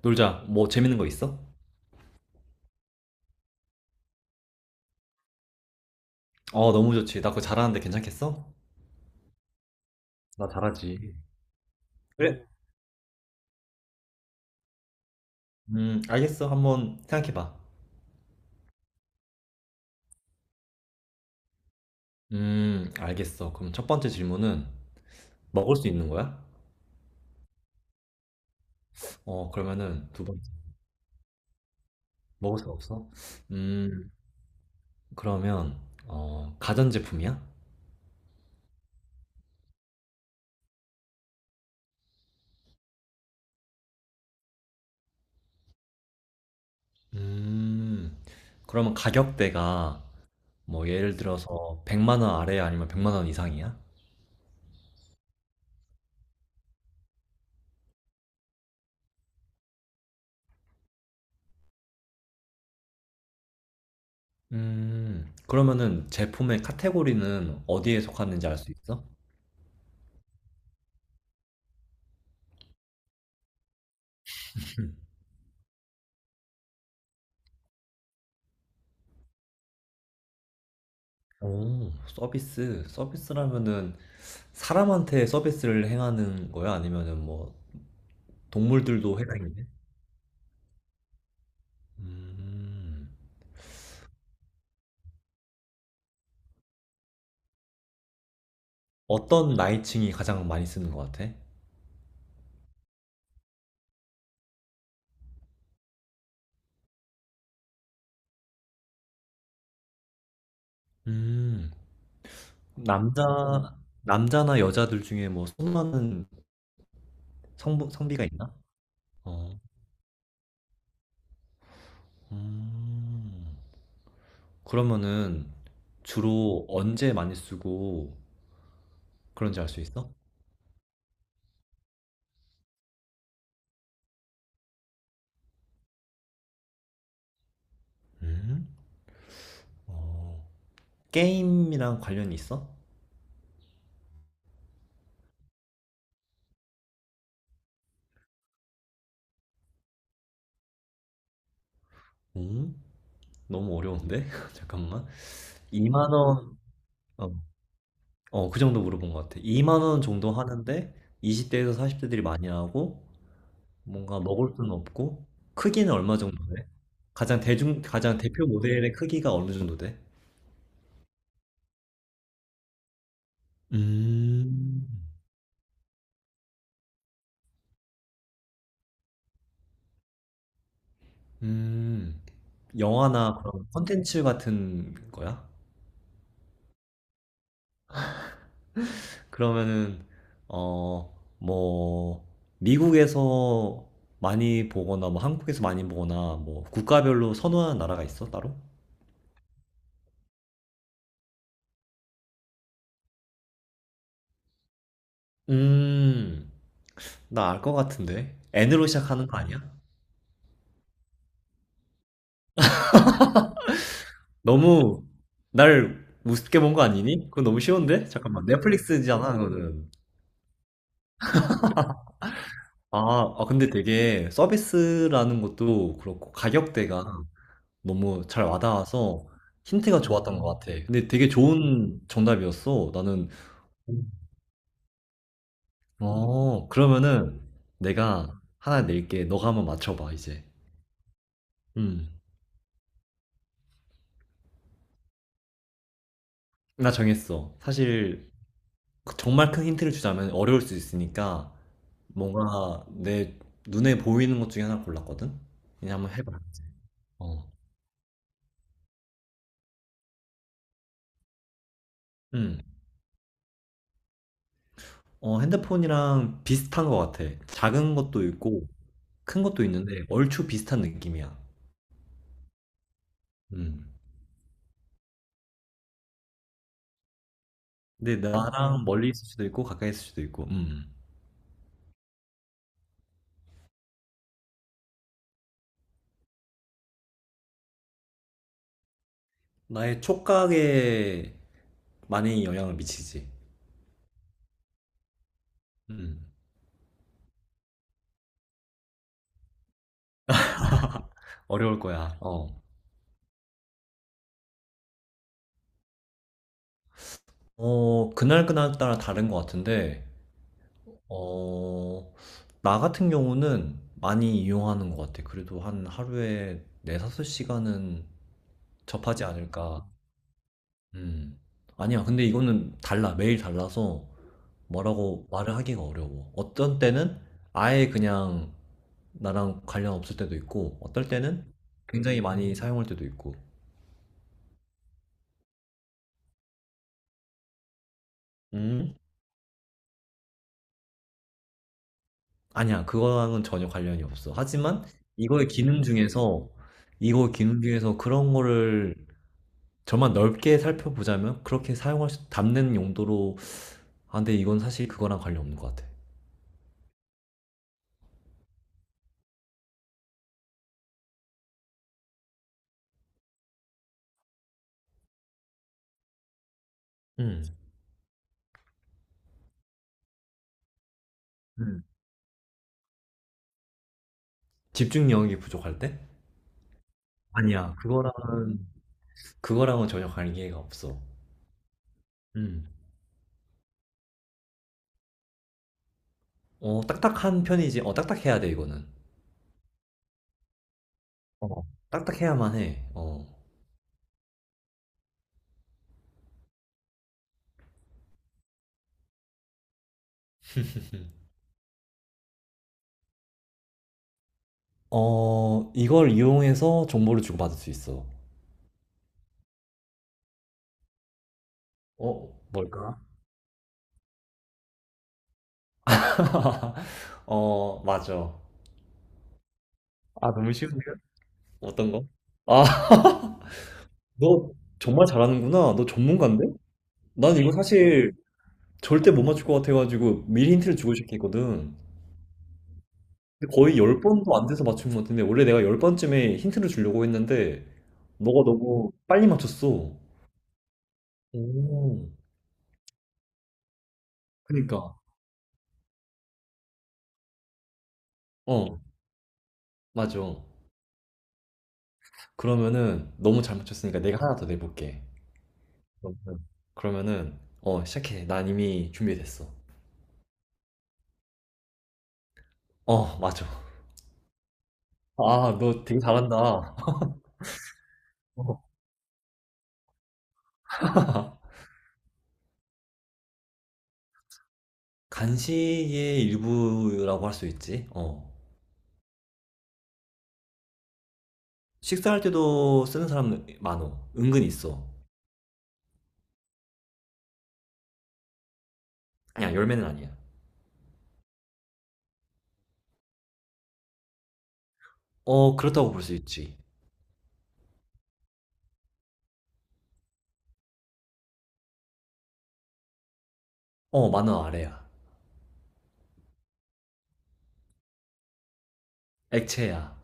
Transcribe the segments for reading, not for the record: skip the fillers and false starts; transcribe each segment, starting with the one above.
놀자. 뭐 재밌는 거 있어? 너무 좋지. 나 그거 잘하는데 괜찮겠어? 나 잘하지. 그래. 알겠어. 한번 생각해봐. 알겠어. 그럼 첫 번째 질문은 먹을 수 있는 거야? 그러면은 두 번째. 먹을 수 없어? 음, 그러면 가전제품이야? 음, 그러면 가격대가 뭐 예를 들어서 100만 원 아래 아니면 100만 원 이상이야? 그러면은 제품의 카테고리는 어디에 속하는지 알 수 있어? 오, 서비스. 서비스라면은 사람한테 서비스를 행하는 거야? 아니면은 뭐 동물들도 해당이 네 음, 어떤 나이층이 가장 많이 쓰는 것 같아? 음, 남자, 남자나 여자들 중에 뭐 선호하는 성비가 있나? 어, 음. 그러면은 주로 언제 많이 쓰고 그런지 알 수 있어? 음? 어, 게임이랑 관련이 있어? 오? 너무 어려운데? 잠깐만. 2만 원, 어, 그 정도 물어본 것 같아. 2만 원 정도 하는데 20대에서 40대들이 많이 하고 뭔가 먹을 수는 없고 크기는 얼마 정도 돼? 가장 가장 대표 모델의 크기가 어느 정도 돼? 음, 음, 영화나 그런 콘텐츠 같은 거야? 그러면은, 어, 뭐, 미국에서 많이 보거나, 뭐, 한국에서 많이 보거나, 뭐, 국가별로 선호하는 나라가 있어, 따로? 음, 나 알 것 같은데. N으로 시작하는 거 아니야? 너무 날 우습게 본 거 아니니? 그건 너무 쉬운데? 잠깐만, 넷플릭스잖아, 그거는. 아, 근데 되게 서비스라는 것도 그렇고 가격대가 너무 잘 와닿아서 힌트가 좋았던 것 같아. 근데 되게 좋은 정답이었어. 나는, 어, 그러면은 내가 하나 낼게. 너가 한번 맞춰봐, 이제. 음, 나 정했어. 사실 그 정말 큰 힌트를 주자면 어려울 수 있으니까 뭔가 내 눈에 보이는 것 중에 하나 골랐거든? 그냥 한번 해봐. 어. 음. 핸드폰이랑 비슷한 것 같아. 작은 것도 있고 큰 것도 있는데 얼추 비슷한 느낌이야. 음. 근데 나랑 멀리 있을 수도 있고 가까이 있을 수도 있고. 음. 나의 촉각에 많이 영향을 미치지. 음. 어려울 거야. 어. 그날그날 따라 다른 것 같은데 어, 나 같은 경우는 많이 이용하는 것 같아. 그래도 한 하루에 4, 5시간은 접하지 않을까. 아, 음. 아니야. 근데 이거는 달라. 매일 달라서 뭐라고 말을 하기가 어려워. 어떤 때는 아예 그냥 나랑 관련 없을 때도 있고, 어떨 때는 굉장히 많이 사용할 때도 있고. 음? 아니야. 그거랑은 전혀 관련이 없어. 하지만 이거의 기능 중에서, 이거 기능 중에서 그런 거를 저만 넓게 살펴보자면 그렇게 사용할 수, 담는 용도로, 아, 근데 이건 사실 그거랑 관련 없는 것 같아. 음. 음. 집중력이 부족할 때? 아니야, 그거랑은 전혀 관계가 없어. 음. 어, 딱딱한 편이지. 어, 딱딱해야 돼, 이거는. 어. 딱딱해야만 해. 어. 어, 이걸 이용해서 정보를 주고받을 수 있어. 어, 뭘까? 어, 맞아. 아, 너무 쉬운데요? 어떤 거? 아, 너 정말 잘하는구나. 너 전문가인데? 난 이거 사실 절대 못 맞출 것 같아가지고 미리 힌트를 주고 시작했거든. 근데 거의 10번도 안 돼서 맞춘 것 같은데 원래 내가 10번쯤에 힌트를 주려고 했는데 너가 너무 빨리 맞췄어. 오, 그니까. 어, 맞아. 그러면은 너무 잘 맞췄으니까 내가 하나 더 내볼게. 그러면은, 그러면은, 어, 시작해. 난 이미 준비됐어. 어, 맞아. 아, 너 되게 잘한다. 어. 간식의 일부라고 할 수 있지. 어. 식사할 때도 쓰는 사람 많어. 은근 있어. 아니야, 열매는 아니야. 어, 그렇다고 볼 수 있지. 어, 만원 아래야. 액체야.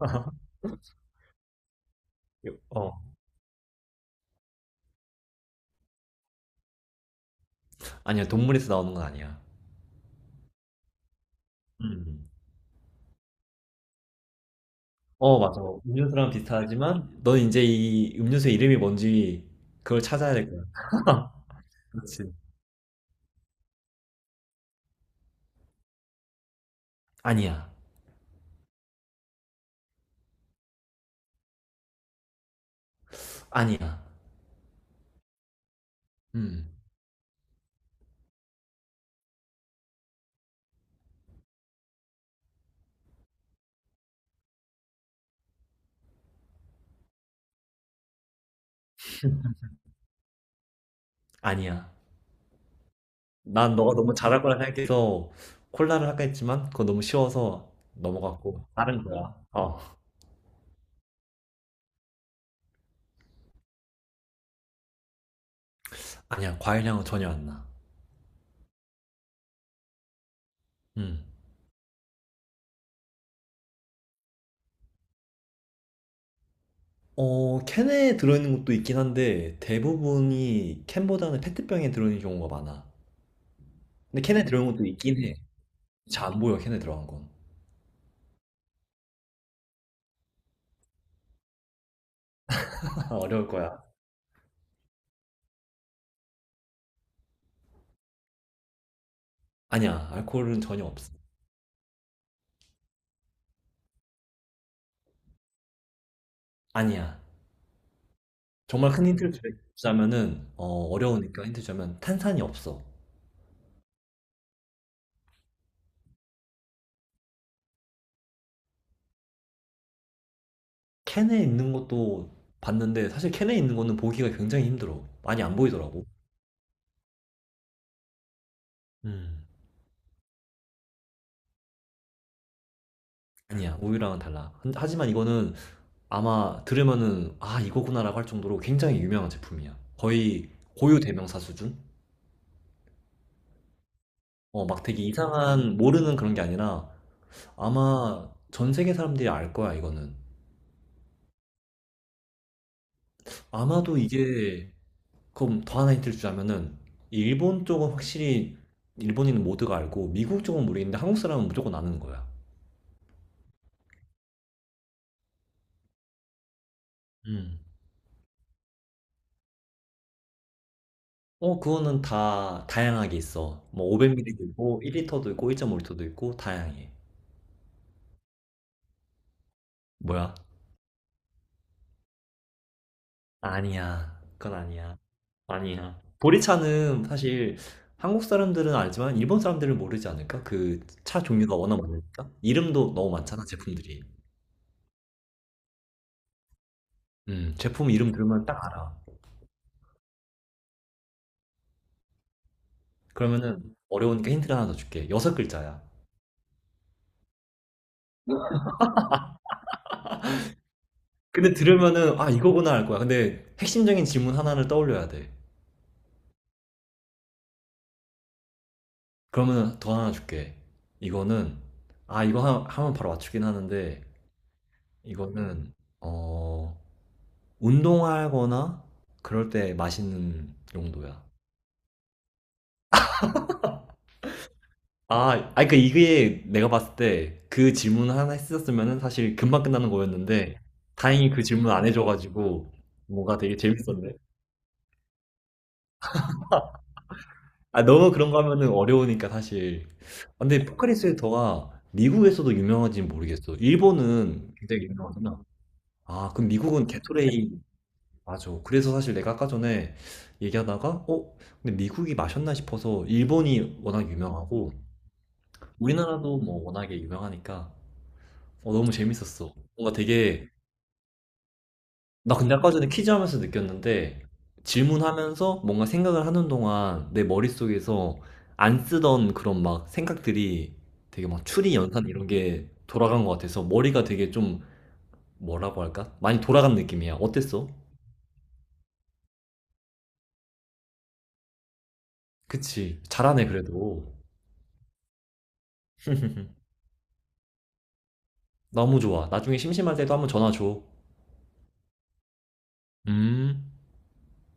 어. 아니야, 동물에서 나오는 건 아니야. 음. 어, 맞아. 음료수랑 비슷하지만, 넌 이제 이 음료수 이름이 뭔지 그걸 찾아야 될 거야. 그렇지. 아니야. 아니야. 음, 아니야. 난 너가 너무 잘할 거라 생각해서 콜라를 할까 했지만, 그거 너무 쉬워서 넘어갔고, 다른 거야. 어. 아니야, 과일향은 전혀 안 나. 음. 어, 캔에 들어있는 것도 있긴 한데 대부분이 캔보다는 페트병에 들어있는 경우가 많아. 근데 캔에 들어있는 것도 있긴 해. 잘 안 보여, 캔에 들어간 건. 어려울 거야. 아니야, 알코올은 전혀 없어. 아니야. 정말 큰 힌트를 주자면은 어, 어려우니까 힌트 주자면 탄산이 없어. 캔에 있는 것도 봤는데 사실 캔에 있는 거는 보기가 굉장히 힘들어. 많이 안 보이더라고. 음. 아니야, 우유랑은 달라. 하지만 이거는 아마 들으면은 아 이거구나라고 할 정도로 굉장히 유명한 제품이야. 거의 고유 대명사 수준? 어, 막 되게 이상한 모르는 그런 게 아니라 아마 전 세계 사람들이 알 거야 이거는. 아마도 이게 그럼 더 하나 힌트를 주자면은 일본 쪽은 확실히 일본인 모두가 알고 미국 쪽은 모르겠는데 한국 사람은 무조건 아는 거야. 음. 어 그거는 다 다양하게 있어. 뭐 500ml도 있고 1L도 있고 1.5L도 있고 다양해. 뭐야? 아니야. 그건 아니야. 아니야. 보리차는 사실 한국 사람들은 알지만 일본 사람들은 모르지 않을까? 그 차 종류가 워낙 많으니까. 이름도 너무 많잖아, 제품들이. 제품 이름 들으면 딱 알아. 그러면은 어려우니까 힌트를 하나 더 줄게. 여섯 글자야. 근데 들으면은 아, 이거구나 알 거야. 근데 핵심적인 질문 하나를 떠올려야 돼. 그러면 더 하나 줄게. 이거는 아, 이거 하면 바로 맞추긴 하는데 이거는 어, 운동하거나 그럴 때 마시는 용도야. 아, 아니, 그, 이게 내가 봤을 때 그 질문 하나 했었으면 사실 금방 끝나는 거였는데, 다행히 그 질문 안 해줘가지고, 뭔가 되게 재밌었네. 아, 너무 그런 거 하면은 어려우니까 사실. 아, 근데 포카리 스웨터가 미국에서도 유명한지는 모르겠어. 일본은 굉장히 유명하구나. 아, 그럼 미국은 게토레이, 맞아. 그래서 사실 내가 아까 전에 얘기하다가, 어? 근데 미국이 마셨나 싶어서 일본이 워낙 유명하고, 우리나라도 뭐 워낙에 유명하니까 어, 너무 재밌었어. 뭔가 되게 나 근데 아까 전에 퀴즈 하면서 느꼈는데 질문하면서 뭔가 생각을 하는 동안 내 머릿속에서 안 쓰던 그런 막 생각들이 되게 막 추리 연산 이런 게 돌아간 것 같아서 머리가 되게 좀 뭐라고 할까? 많이 돌아간 느낌이야. 어땠어? 그치. 잘하네 그래도. 너무 좋아. 나중에 심심할 때도 한번 전화 줘. 음.